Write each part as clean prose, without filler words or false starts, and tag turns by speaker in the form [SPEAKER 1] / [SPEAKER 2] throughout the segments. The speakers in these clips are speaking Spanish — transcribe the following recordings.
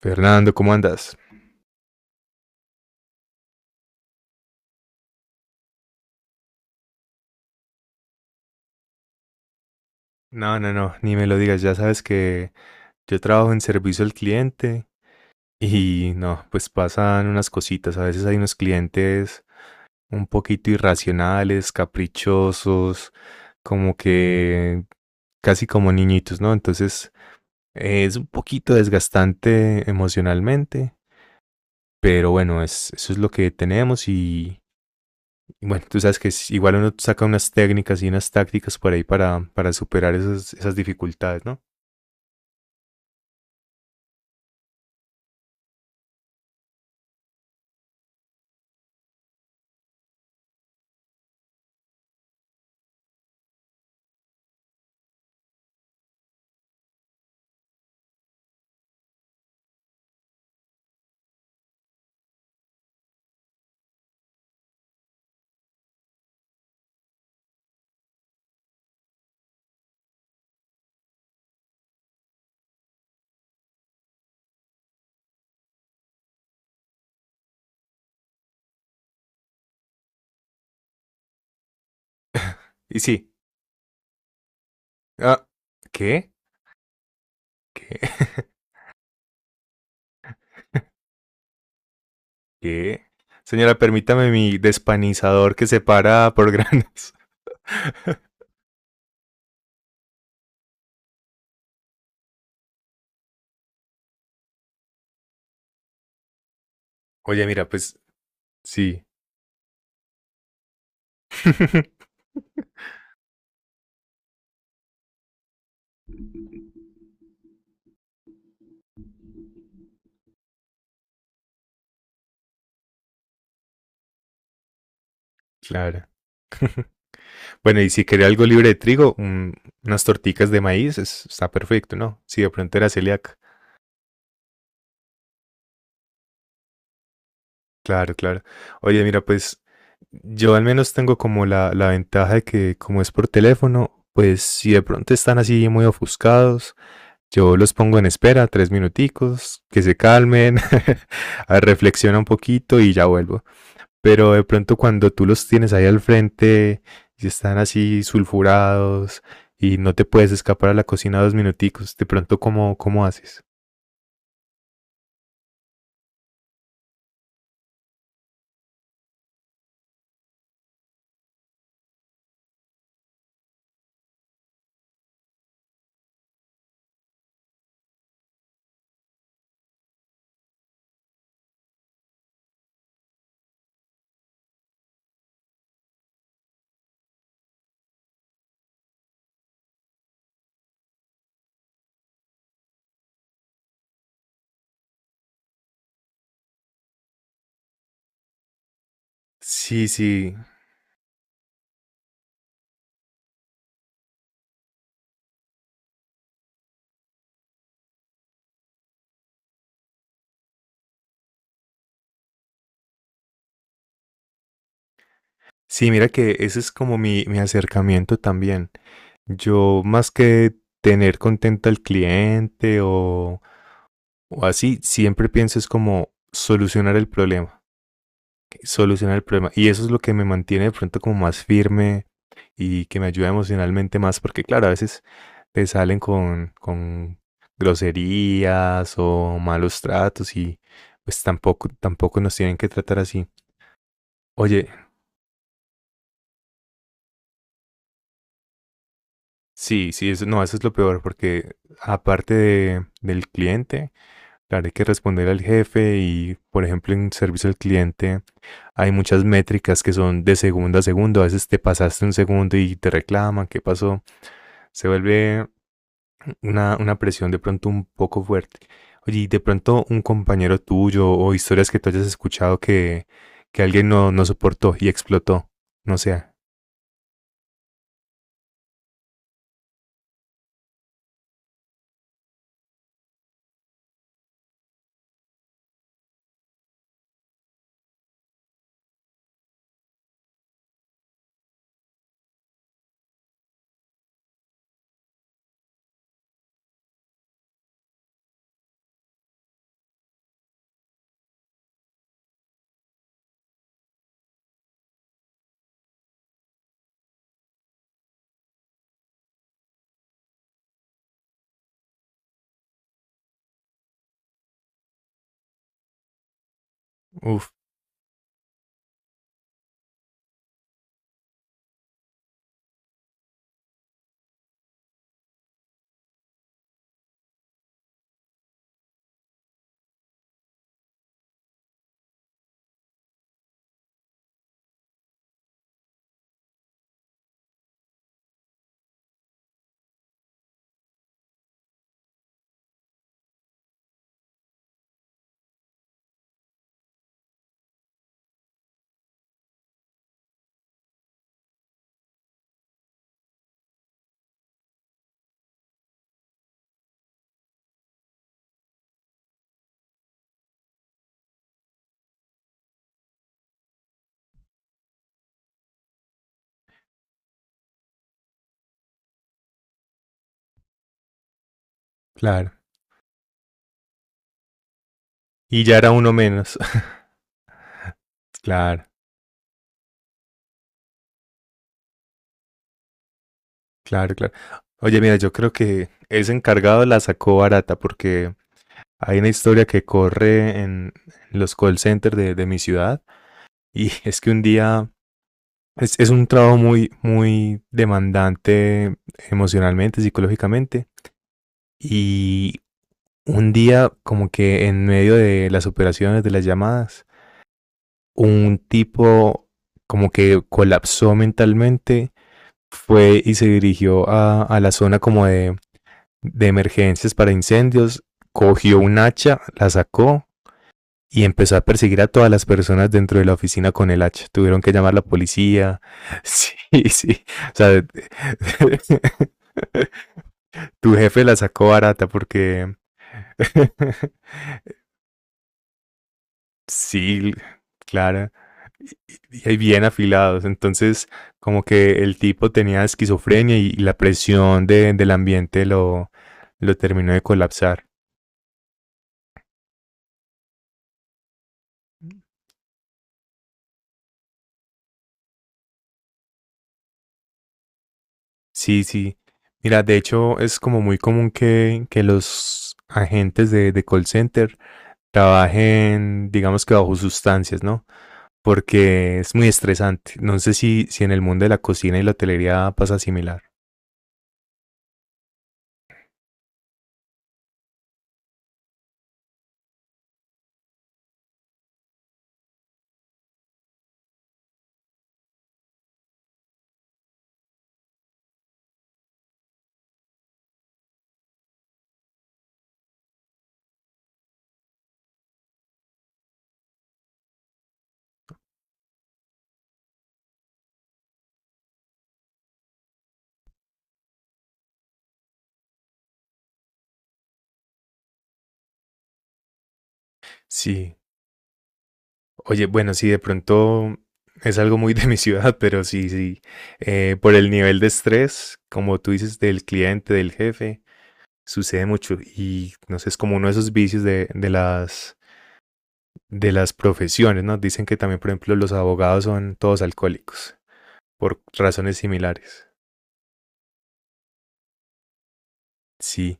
[SPEAKER 1] Fernando, ¿cómo andas? No, no, no, ni me lo digas, ya sabes que yo trabajo en servicio al cliente y no, pues pasan unas cositas, a veces hay unos clientes un poquito irracionales, caprichosos, como que casi como niñitos, ¿no? Entonces es un poquito desgastante emocionalmente, pero bueno, eso es lo que tenemos y bueno, tú sabes que igual uno saca unas técnicas y unas tácticas por ahí para superar esas dificultades, ¿no? Y sí. Ah, ¿qué? ¿Qué? ¿Qué? Señora, permítame mi despanizador que separa por granos. Oye, mira, pues sí. Claro. Bueno, y si quería algo libre de trigo, unas torticas de maíz, está perfecto, ¿no? Si de pronto era celíaca. Claro, claro. Oye, mira, pues yo al menos tengo como la ventaja de que como es por teléfono, pues si de pronto están así muy ofuscados, yo los pongo en espera tres minuticos, que se calmen. Reflexiona un poquito y ya vuelvo. Pero de pronto cuando tú los tienes ahí al frente y están así sulfurados y no te puedes escapar a la cocina dos minuticos, de pronto cómo haces? Sí, sí. Sí, mira que ese es como mi acercamiento también. Yo más que tener contento al cliente o así, siempre pienso es como solucionar el problema, solucionar el problema. Y eso es lo que me mantiene de pronto como más firme y que me ayuda emocionalmente más, porque claro, a veces te salen con groserías o malos tratos y pues tampoco, tampoco nos tienen que tratar así. Oye, sí, sí, eso, no, eso es lo peor, porque aparte del cliente, claro, hay que responder al jefe y, por ejemplo, en servicio al cliente hay muchas métricas que son de segundo a segundo. A veces te pasaste un segundo y te reclaman, ¿qué pasó? Se vuelve una presión de pronto un poco fuerte. Oye, y de pronto un compañero tuyo o historias que tú hayas escuchado que alguien no, no soportó y explotó. No sé, uff, claro. Y ya era uno menos. Claro, claro, claro. Oye, mira, yo creo que ese encargado la sacó barata porque hay una historia que corre en los call centers de mi ciudad y es que un día es un trabajo muy, muy demandante emocionalmente, psicológicamente y un día como que en medio de las operaciones, de las llamadas, un tipo como que colapsó mentalmente, fue y se dirigió a la zona como de emergencias para incendios, cogió un hacha, la sacó y empezó a perseguir a todas las personas dentro de la oficina con el hacha. Tuvieron que llamar a la policía. Sí, sí. O sea, tu jefe la sacó barata porque sí, claro. Y bien afilados. Entonces, como que el tipo tenía esquizofrenia y la presión del ambiente lo terminó de colapsar. Sí, sí. Mira, de hecho es como muy común que los agentes de call center trabajen, digamos que bajo sustancias, ¿no? Porque es muy estresante. No sé si en el mundo de la cocina y la hotelería pasa similar. Sí. Oye, bueno, sí, de pronto es algo muy de mi ciudad, pero sí, sí. Por el nivel de estrés, como tú dices, del cliente, del jefe, sucede mucho. Y no sé, es como uno de esos vicios de las profesiones, ¿no? Dicen que también, por ejemplo, los abogados son todos alcohólicos, por razones similares. Sí.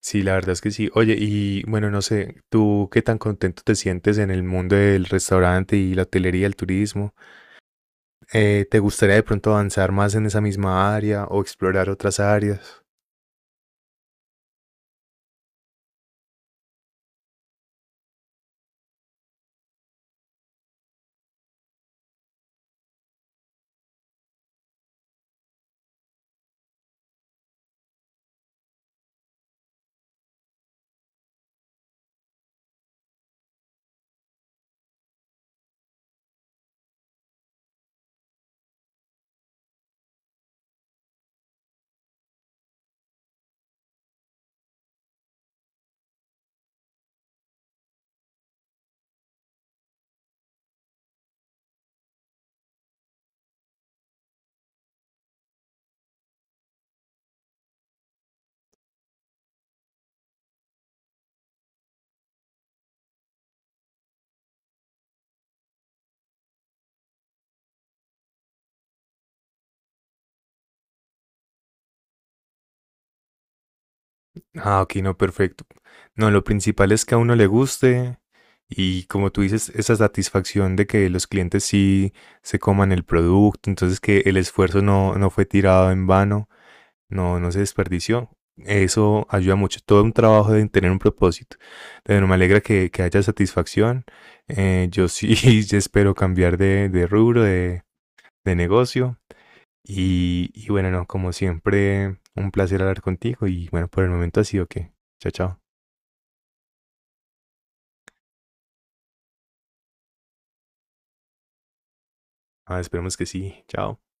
[SPEAKER 1] Sí, la verdad es que sí. Oye, y bueno, no sé, ¿tú qué tan contento te sientes en el mundo del restaurante y la hotelería, el turismo? ¿Te gustaría de pronto avanzar más en esa misma área o explorar otras áreas? Ah, ok, no, perfecto. No, lo principal es que a uno le guste y como tú dices, esa satisfacción de que los clientes sí se coman el producto, entonces que el esfuerzo no fue tirado en vano. No, no se desperdició. Eso ayuda mucho. Todo un trabajo de tener un propósito. Pero me alegra que haya satisfacción. Yo sí yo espero cambiar de negocio. Y bueno, no, como siempre, un placer hablar contigo. Y bueno, por el momento ha sido que. Chao, chao. Ah, esperemos que sí. Chao.